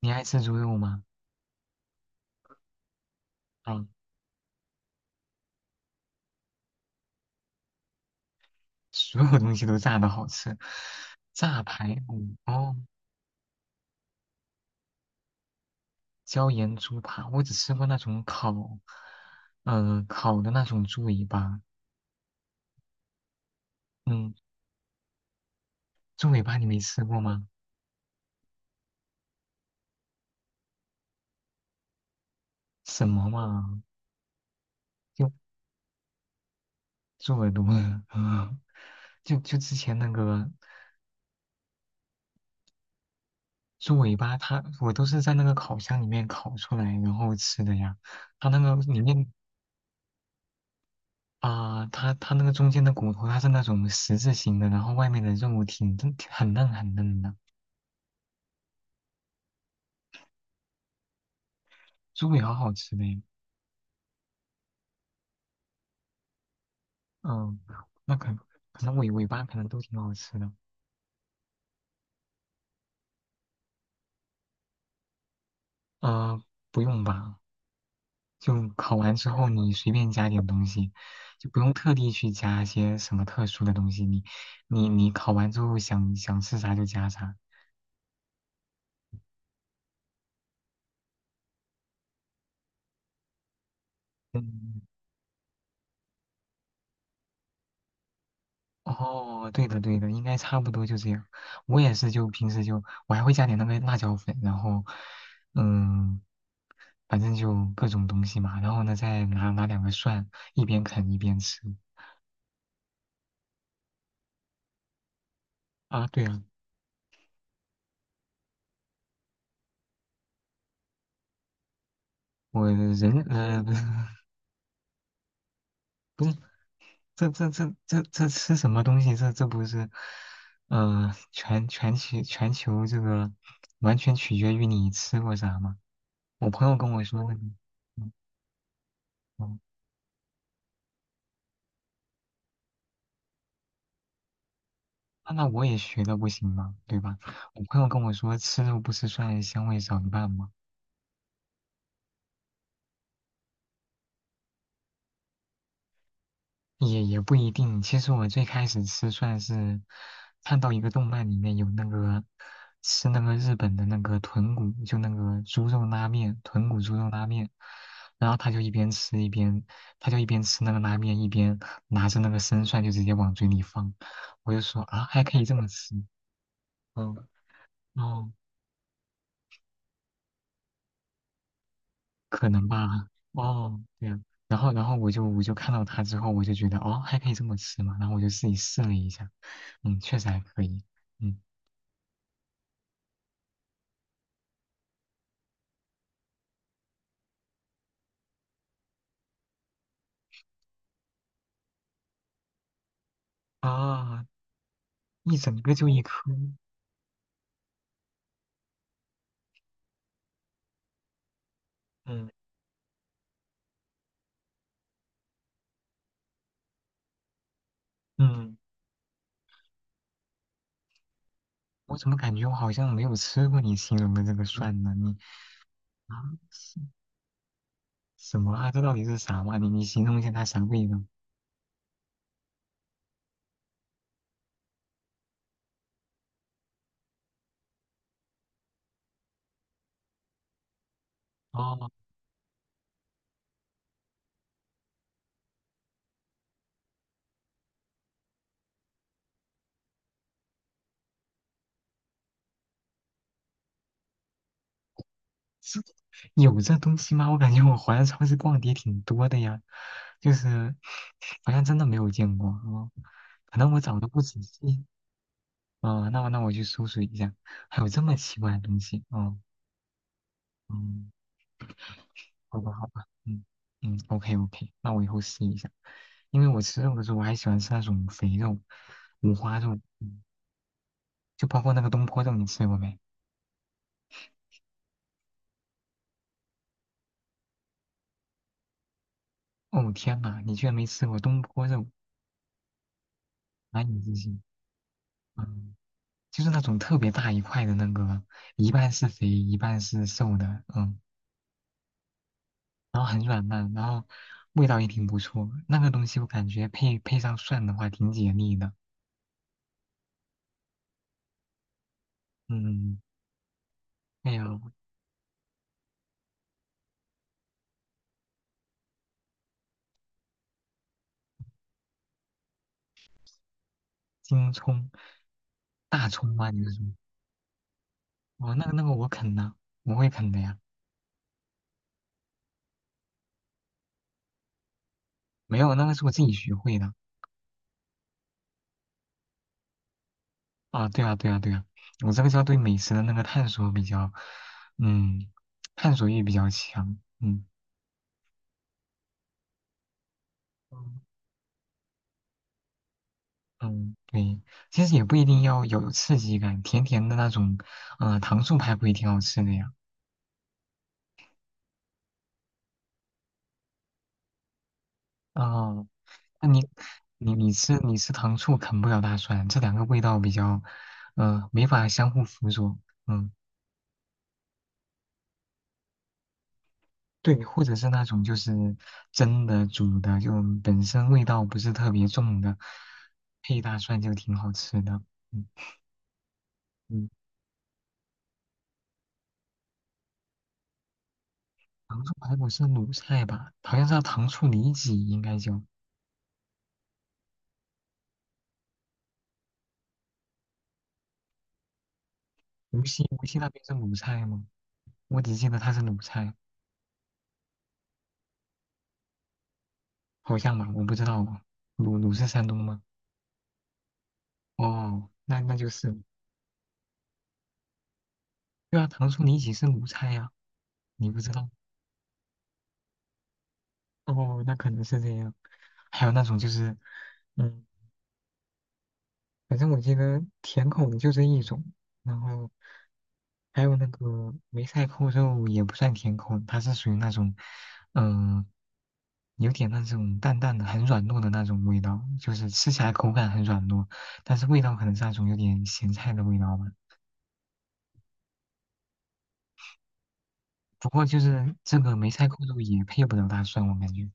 你爱吃猪肉吗？啊，所有东西都炸的好吃，炸排骨哦，椒盐猪扒，我只吃过那种烤，嗯、烤的那种猪尾巴。嗯，猪尾巴你没吃过吗？什么嘛，就猪耳朵。嗯。就之前那个猪尾巴它，我都是在那个烤箱里面烤出来然后吃的呀，它那个里面啊、它那个中间的骨头，它是那种十字形的，然后外面的肉挺嫩，挺很嫩很嫩的，猪尾好好吃的呀。嗯，那可能尾巴可能都挺好吃的。呃，不用吧，就烤完之后你随便加点东西，就不用特地去加一些什么特殊的东西。你烤完之后想想吃啥就加啥。嗯哦，对的对的，应该差不多就这样。我也是，就平时就我还会加点那个辣椒粉，然后嗯，反正就各种东西嘛，然后呢再拿两个蒜，一边啃一边吃。啊，对啊，我人不是这吃什么东西？这不是全球这个完全取决于你吃过啥吗？我朋友跟我说那个。嗯那我也学的不行吗？对吧？我朋友跟我说，吃肉不吃蒜，香味少一半嘛，也不一定。其实我最开始吃蒜是看到一个动漫里面有那个吃那个日本的那个豚骨，就那个猪肉拉面，豚骨猪肉拉面，然后他就一边吃一边，他就一边吃那个拉面，一边拿着那个生蒜就直接往嘴里放，我就说啊，还可以这么吃。嗯，哦。可能吧。哦，对呀。然后我就看到它之后，我就觉得哦，还可以这么吃嘛。然后我就自己试了一下，确实还可以。嗯啊，一整个就一颗。嗯嗯，我怎么感觉我好像没有吃过你形容的这个蒜呢？你啊，是什么啊？这到底是啥嘛？你形容一下它啥味道？哦 是有这东西吗？我感觉我华人超市逛的也挺多的呀，就是好像真的没有见过哦，可能我找的不仔细。啊。那我去搜索一下，还有这么奇怪的东西。哦，嗯，好吧好吧，嗯嗯，OK OK，那我以后试一下。因为我吃肉的时候，我还喜欢吃那种肥肉，五花肉，嗯，就包括那个东坡肉，你吃过没？哦天呐，你居然没吃过东坡肉，难以置信。嗯。就是那种特别大一块的那个，一半是肥，一半是瘦的，然后很软烂，然后味道也挺不错。那个东西我感觉配上蒜的话挺解腻的。嗯，还有京葱、大葱吗？你是说？哦，那个我啃呐，我会啃的呀。没有，那个是我自己学会的。啊，对啊，对啊，对啊，我这个叫对美食的那个探索比较，嗯，探索欲比较强。嗯。嗯，对，其实也不一定要有刺激感，甜甜的那种，糖醋排骨也挺好吃的呀。哦，那你吃糖醋啃不了大蒜，这两个味道比较，没法相互辅佐。嗯，对，或者是那种就是蒸的、煮的，就本身味道不是特别重的，配大蒜就挺好吃的。嗯嗯，糖醋排骨是鲁菜吧？好像是叫糖醋里脊，应该叫。无锡那边是鲁菜吗？我只记得它是鲁菜，好像吧，我不知道哦。鲁是山东吗？哦，那就是，对啊，糖醋里脊是鲁菜呀、你不知道？哦，那可能是这样。还有那种就是，嗯，反正我记得甜口的就这一种，然后还有那个梅菜扣肉也不算甜口，它是属于那种，嗯、有点那种淡淡的、很软糯的那种味道，就是吃起来口感很软糯，但是味道可能是那种有点咸菜的味道吧。不过就是这个梅菜扣肉也配不了大蒜，我感觉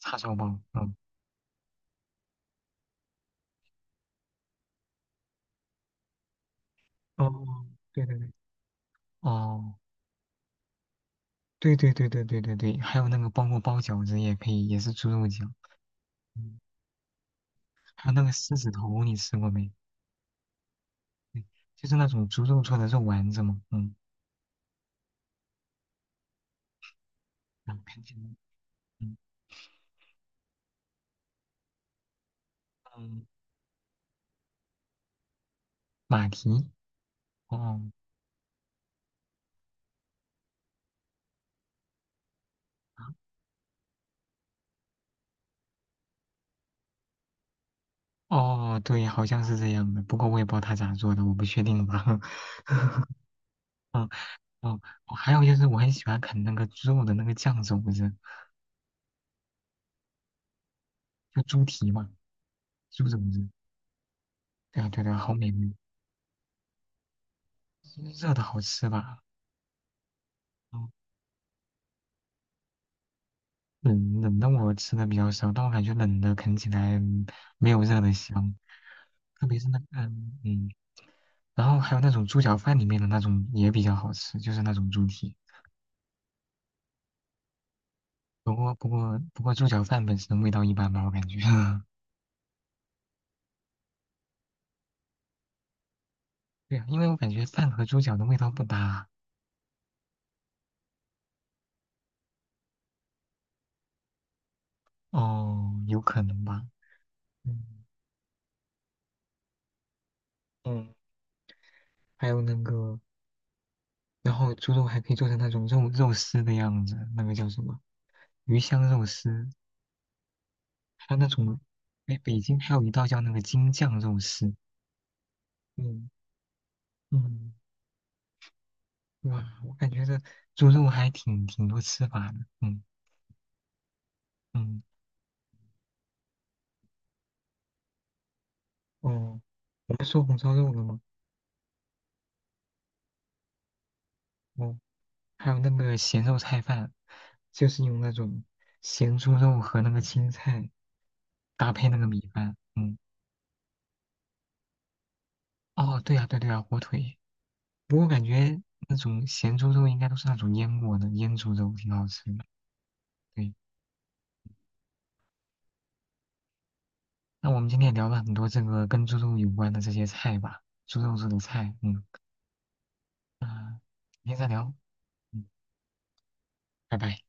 叉烧包。嗯，哦，对对对，哦，对对对对对对对，还有那个包括包饺子也配，也是猪肉饺。嗯，还有那个狮子头，你吃过没？对，就是那种猪肉做的肉丸子嘛。嗯，嗯，看起来嗯嗯马蹄，哦哦，对，好像是这样的，不过我也不知道他咋做的，我不确定吧。嗯哦，哦还有就是我很喜欢啃那个猪肉的那个酱肘子，就猪蹄嘛，猪肘子。对啊，对啊，好美味，热的好吃吧？嗯冷冷的我吃的比较少，但我感觉冷的啃起来没有热的香，特别是那个然后还有那种猪脚饭里面的那种也比较好吃，就是那种猪蹄。不过猪脚饭本身味道一般吧，我感觉。对啊，因为我感觉饭和猪脚的味道不搭。哦，有可能吧。嗯嗯，还有那个然后猪肉还可以做成那种肉丝的样子，那个叫什么鱼香肉丝，还有那种，哎，北京还有一道叫那个京酱肉丝。嗯嗯，哇，我感觉这猪肉还挺多吃法的。嗯嗯哦，我们说红烧肉了吗？哦，还有那个咸肉菜饭，就是用那种咸猪肉和那个青菜搭配那个米饭。嗯，哦，对呀、对啊对呀、火腿。不过感觉那种咸猪肉应该都是那种腌过的，腌猪肉挺好吃的。对，那我们今天也聊了很多这个跟猪肉有关的这些菜吧，猪肉做的菜。嗯，啊，明天再聊，嗯，拜拜。